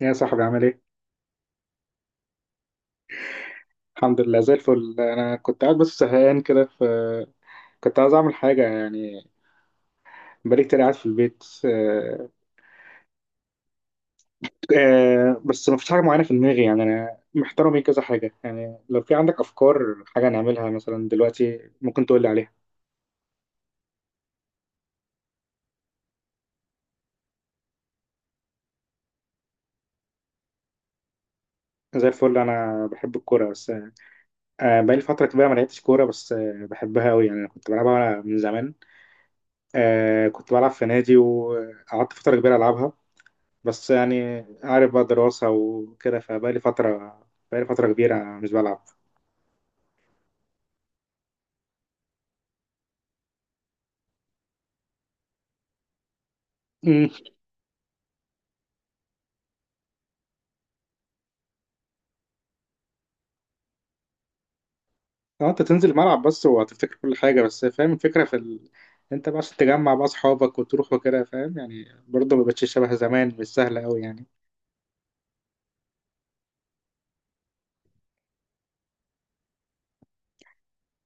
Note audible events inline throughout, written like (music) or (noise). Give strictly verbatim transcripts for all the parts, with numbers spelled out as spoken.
يا صاحبي عامل ايه؟ الحمد لله زي الفل، انا كنت قاعد بس زهقان كده، ف كنت عايز اعمل حاجه يعني. بقالي كتير قاعد في البيت. آه، آه، بس ما فيش حاجه معينه في دماغي، يعني انا محتار بين كذا حاجه، يعني لو في عندك افكار حاجه نعملها مثلا دلوقتي ممكن تقول لي عليها. زي الفل، انا بحب الكوره بس. آه، بقالي فتره كبيره ما لعبتش كوره، بس آه، بحبها قوي، يعني انا كنت بلعبها من زمان. آه، كنت بلعب في نادي، وقعدت فتره كبيره العبها، بس يعني عارف بقى، دراسة وكده، فبقالي فترة بقالي فترة كبيرة مش بلعب. امم. اه، انت تنزل الملعب بس وهتفتكر كل حاجة، بس فاهم الفكرة في ال... انت بقى عشان تجمع بقى اصحابك وتروح وكده، فاهم يعني؟ برضه ما بقتش شبه زمان، مش سهلة قوي يعني.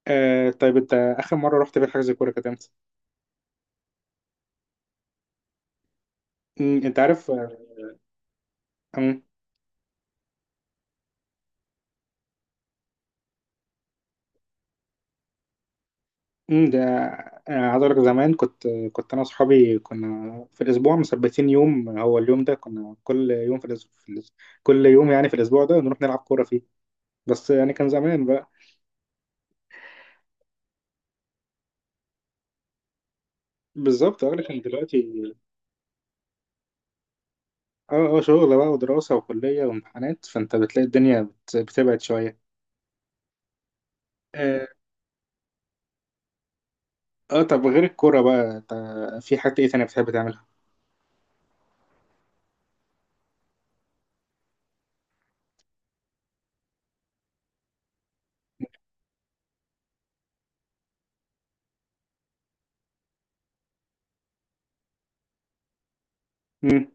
آه، طيب انت اخر مرة رحت في حجز كورة كانت امتى؟ امم، انت عارف. امم. امم، ده آه، عايز اقول لك، زمان كنت كنت انا واصحابي كنا في الاسبوع مثبتين يوم، هو اليوم ده كنا كل يوم في الاسبوع، كل يوم يعني في الاسبوع ده نروح نلعب كورة فيه، بس يعني كان زمان بقى. بالظبط، اه لكن دلوقتي، اه اه شغل بقى ودراسة وكلية وامتحانات، فانت بتلاقي الدنيا بت... بتبعد شوية. اه, آه، طب غير الكورة بقى، انت في حاجة ايه تانية بتحب تعملها؟ مم.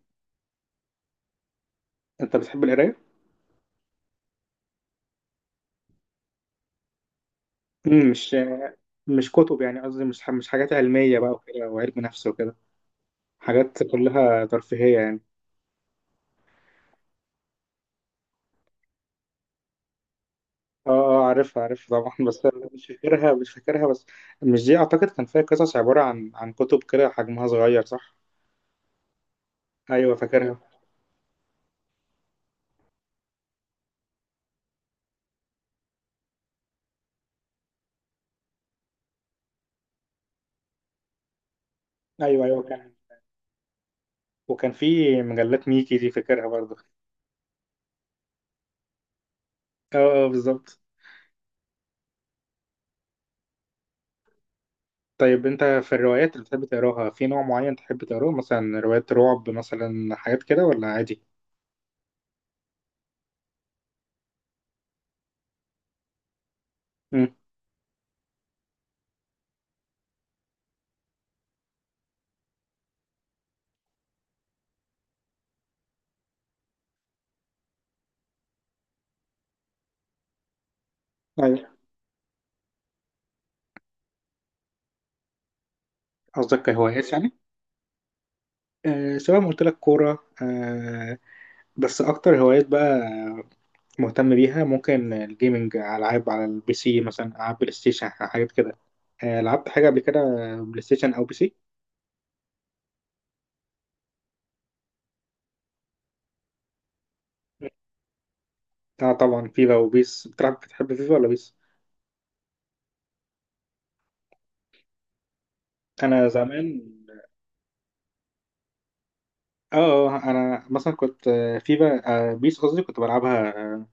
انت بتحب القراية؟ مم. مش مش كتب يعني، قصدي مش ح- مش حاجات علمية بقى وكده، وعلم نفس وكده. حاجات كلها ترفيهية يعني. اه، اه، عارفها، عارفها، طبعا. (laughs) بس أنا مش فاكرها، مش فاكرها. بس مش دي، اعتقد كان فيها قصص عبارة عن عن كتب كده، حجمها صغير، صح؟ ايوه، فاكرها. ايوه، ايوه، كان. وكان في مجلات ميكي، دي فاكرها برضه. اه آه، بالظبط. طيب انت في الروايات اللي بتحب تقراها في نوع معين تحب تقراه، مثلا روايات رعب مثلا، حاجات كده ولا عادي؟ امم. ايوه. قصدك كهوايات يعني؟ آه سواء، ما قلت لك كوره. آه بس اكتر هوايات بقى مهتم بيها ممكن الجيمنج، العاب على البي سي مثلا، العاب بلاي ستيشن، حاجات كده. آه لعبت حاجه قبل كده، بلاي ستيشن او بي سي؟ اه طبعا، فيفا وبيس بتلعب؟ بتحب فيفا ولا بيس؟ انا زمان، اه آه، انا مثلا كنت، آه، في بقى، آه، بيس قصدي كنت بلعبها آه،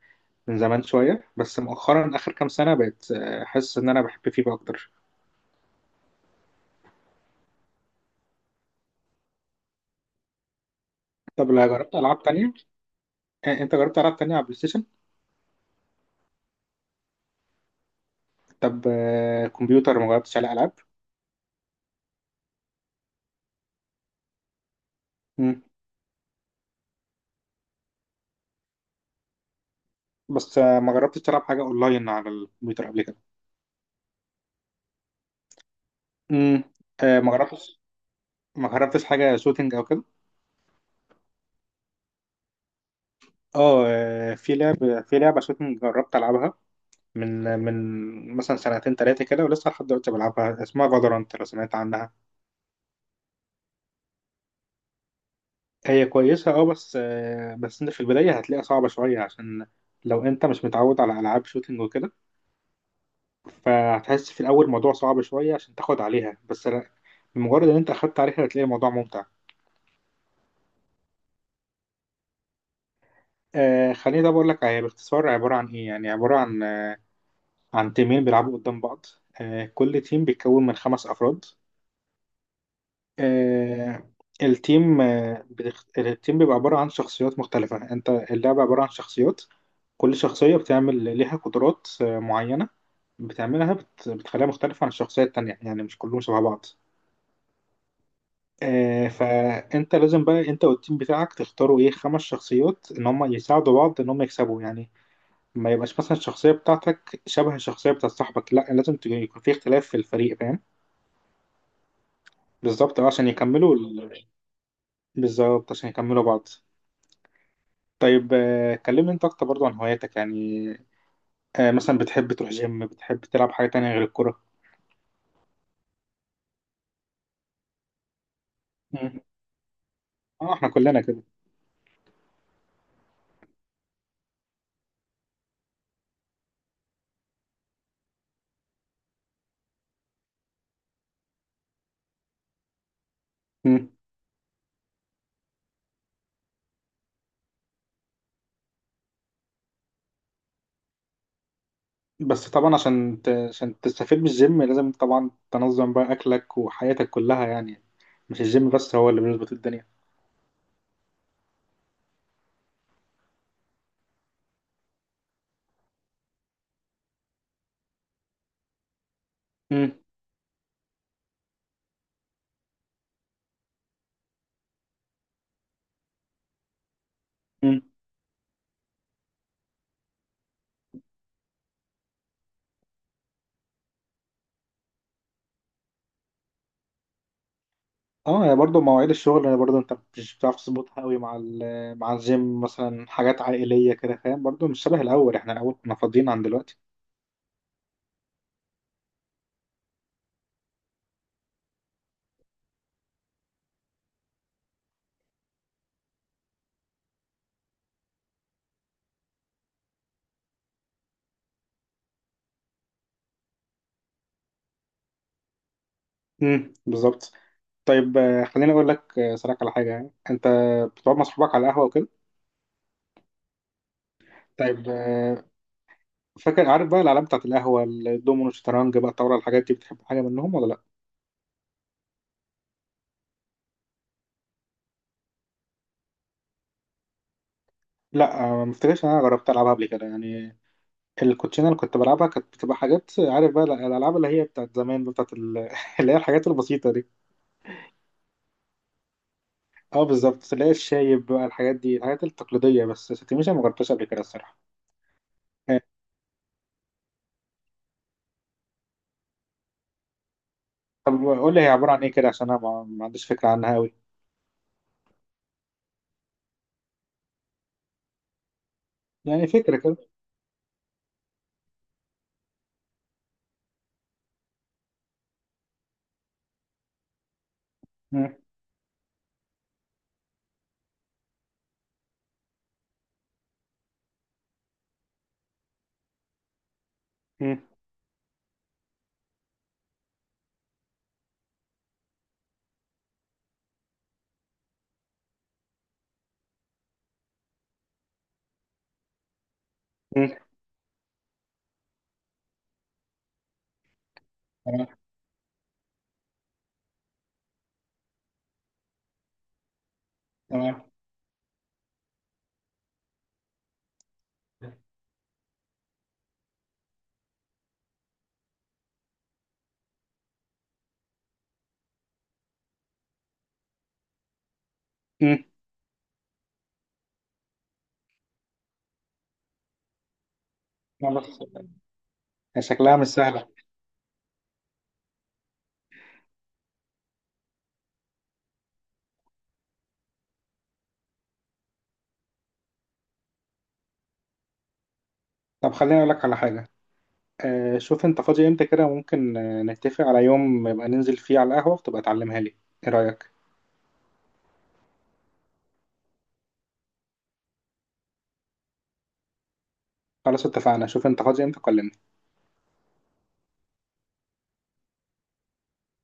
من زمان شويه. بس مؤخرا، اخر كام سنه، بقيت آه، حاسس ان انا بحب فيفا اكتر. طب لا، جربت العاب تانية؟ آه، انت جربت العاب تانية على بلاي ستيشن؟ طب آه، كمبيوتر، ما جربتش على العاب؟ مم. بس آه، ما جربتش تلعب حاجه اونلاين على الكمبيوتر قبل كده؟ مم. آه، ما جربتش ما جربتش حاجه شوتينج او كده؟ اه آه، في لعب في لعبه شوتينج جربت العبها، من من مثلا سنتين ثلاثه كده، ولسه لحد دلوقتي بلعبها، اسمها فالورانت، لو سمعت عنها. هي كويسة اه، بس آه، بس انت في البداية هتلاقيها صعبة شوية، عشان لو انت مش متعود على العاب شوتينج وكده، فهتحس في الاول الموضوع صعب شوية عشان تاخد عليها. بس لا، بمجرد ان انت اخدت عليها هتلاقي الموضوع ممتع. آه خليني، ده بقول لك هي باختصار عبارة عن ايه، يعني عبارة عن آه، عن تيمين بيلعبوا قدام بعض. آه، كل تيم بيتكون من خمس افراد. آه، التيم آه، بتخ... التيم بيبقى عبارة عن شخصيات مختلفة، انت اللعبة عبارة عن شخصيات. كل شخصية بتعمل ليها قدرات آه، معينة، بتعملها بت... بتخليها مختلفة عن الشخصية التانية، يعني مش كلهم شبه بعض. آه، فانت لازم بقى انت والتيم بتاعك تختاروا ايه، خمس شخصيات، ان هم يساعدوا بعض، ان هم يكسبوا يعني. ما يبقاش مثلا الشخصية بتاعتك شبه الشخصية بتاعت صاحبك، لا لازم ت- يكون في اختلاف في الفريق، فاهم؟ بالظبط، آه، عشان يكملوا ال- بالظبط، عشان يكملوا بعض. طيب آه، كلمني انت اكتر برضو عن هواياتك يعني. آه، مثلا بتحب تروح جيم؟ بتحب تلعب حاجة تانية غير الكرة؟ مم. اه، احنا كلنا كده. مم. بس طبعا عشان ت... عشان تستفيد من الجيم لازم طبعا تنظم بقى اكلك وحياتك كلها يعني، مش الجيم بس هو اللي بيظبط الدنيا. مم. مم. اه يعني برضو مواعيد الشغل يعني، برضو انت مش بتعرف تظبطها قوي مع ال... مع الجيم، مثلا حاجات عائلية كده، فاهم؟ برضو مش شبه الاول، احنا الاول كنا فاضيين عن دلوقتي. مم. بالظبط. طيب آه، خليني اقول لك آه، صراحة على حاجه، يعني انت بتقعد مع صحابك على القهوه وكده. طيب آه، فاكر عارف بقى الالعاب بتاعت القهوه، الدومينو، الشطرنج بقى، الطاوله، الحاجات دي بتحب حاجه منهم ولا لا؟ لا. آه، ما افتكرش ان انا جربت العبها قبل كده يعني. الكوتشينه اللي كنت بلعبها كانت بتبقى حاجات، عارف بقى الالعاب اللي هي بتاعت زمان بقى، بتاعت ال... (laughs) اللي هي الحاجات البسيطه دي. اه، بالظبط، اللي هي الشايب بقى، الحاجات دي الحاجات التقليديه. بس ستيميشن ما جربتهاش قبل كده الصراحه. آه، طب قول لي هي عباره عن ايه كده، عشان انا ما ما عنديش فكره عنها قوي، يعني فكره كده. مم. مم. تمام. تمام. مم. خلاص. هي شكلها مش سهلة. طب خليني أقول لك على حاجة. آه، شوف أنت فاضي إمتى كده، ممكن آه، نتفق على يوم يبقى ننزل فيه على القهوة وتبقى تعلمها لي. إيه رأيك؟ خلاص، اتفقنا، شوف أنت فاضي إمتى، كلمني.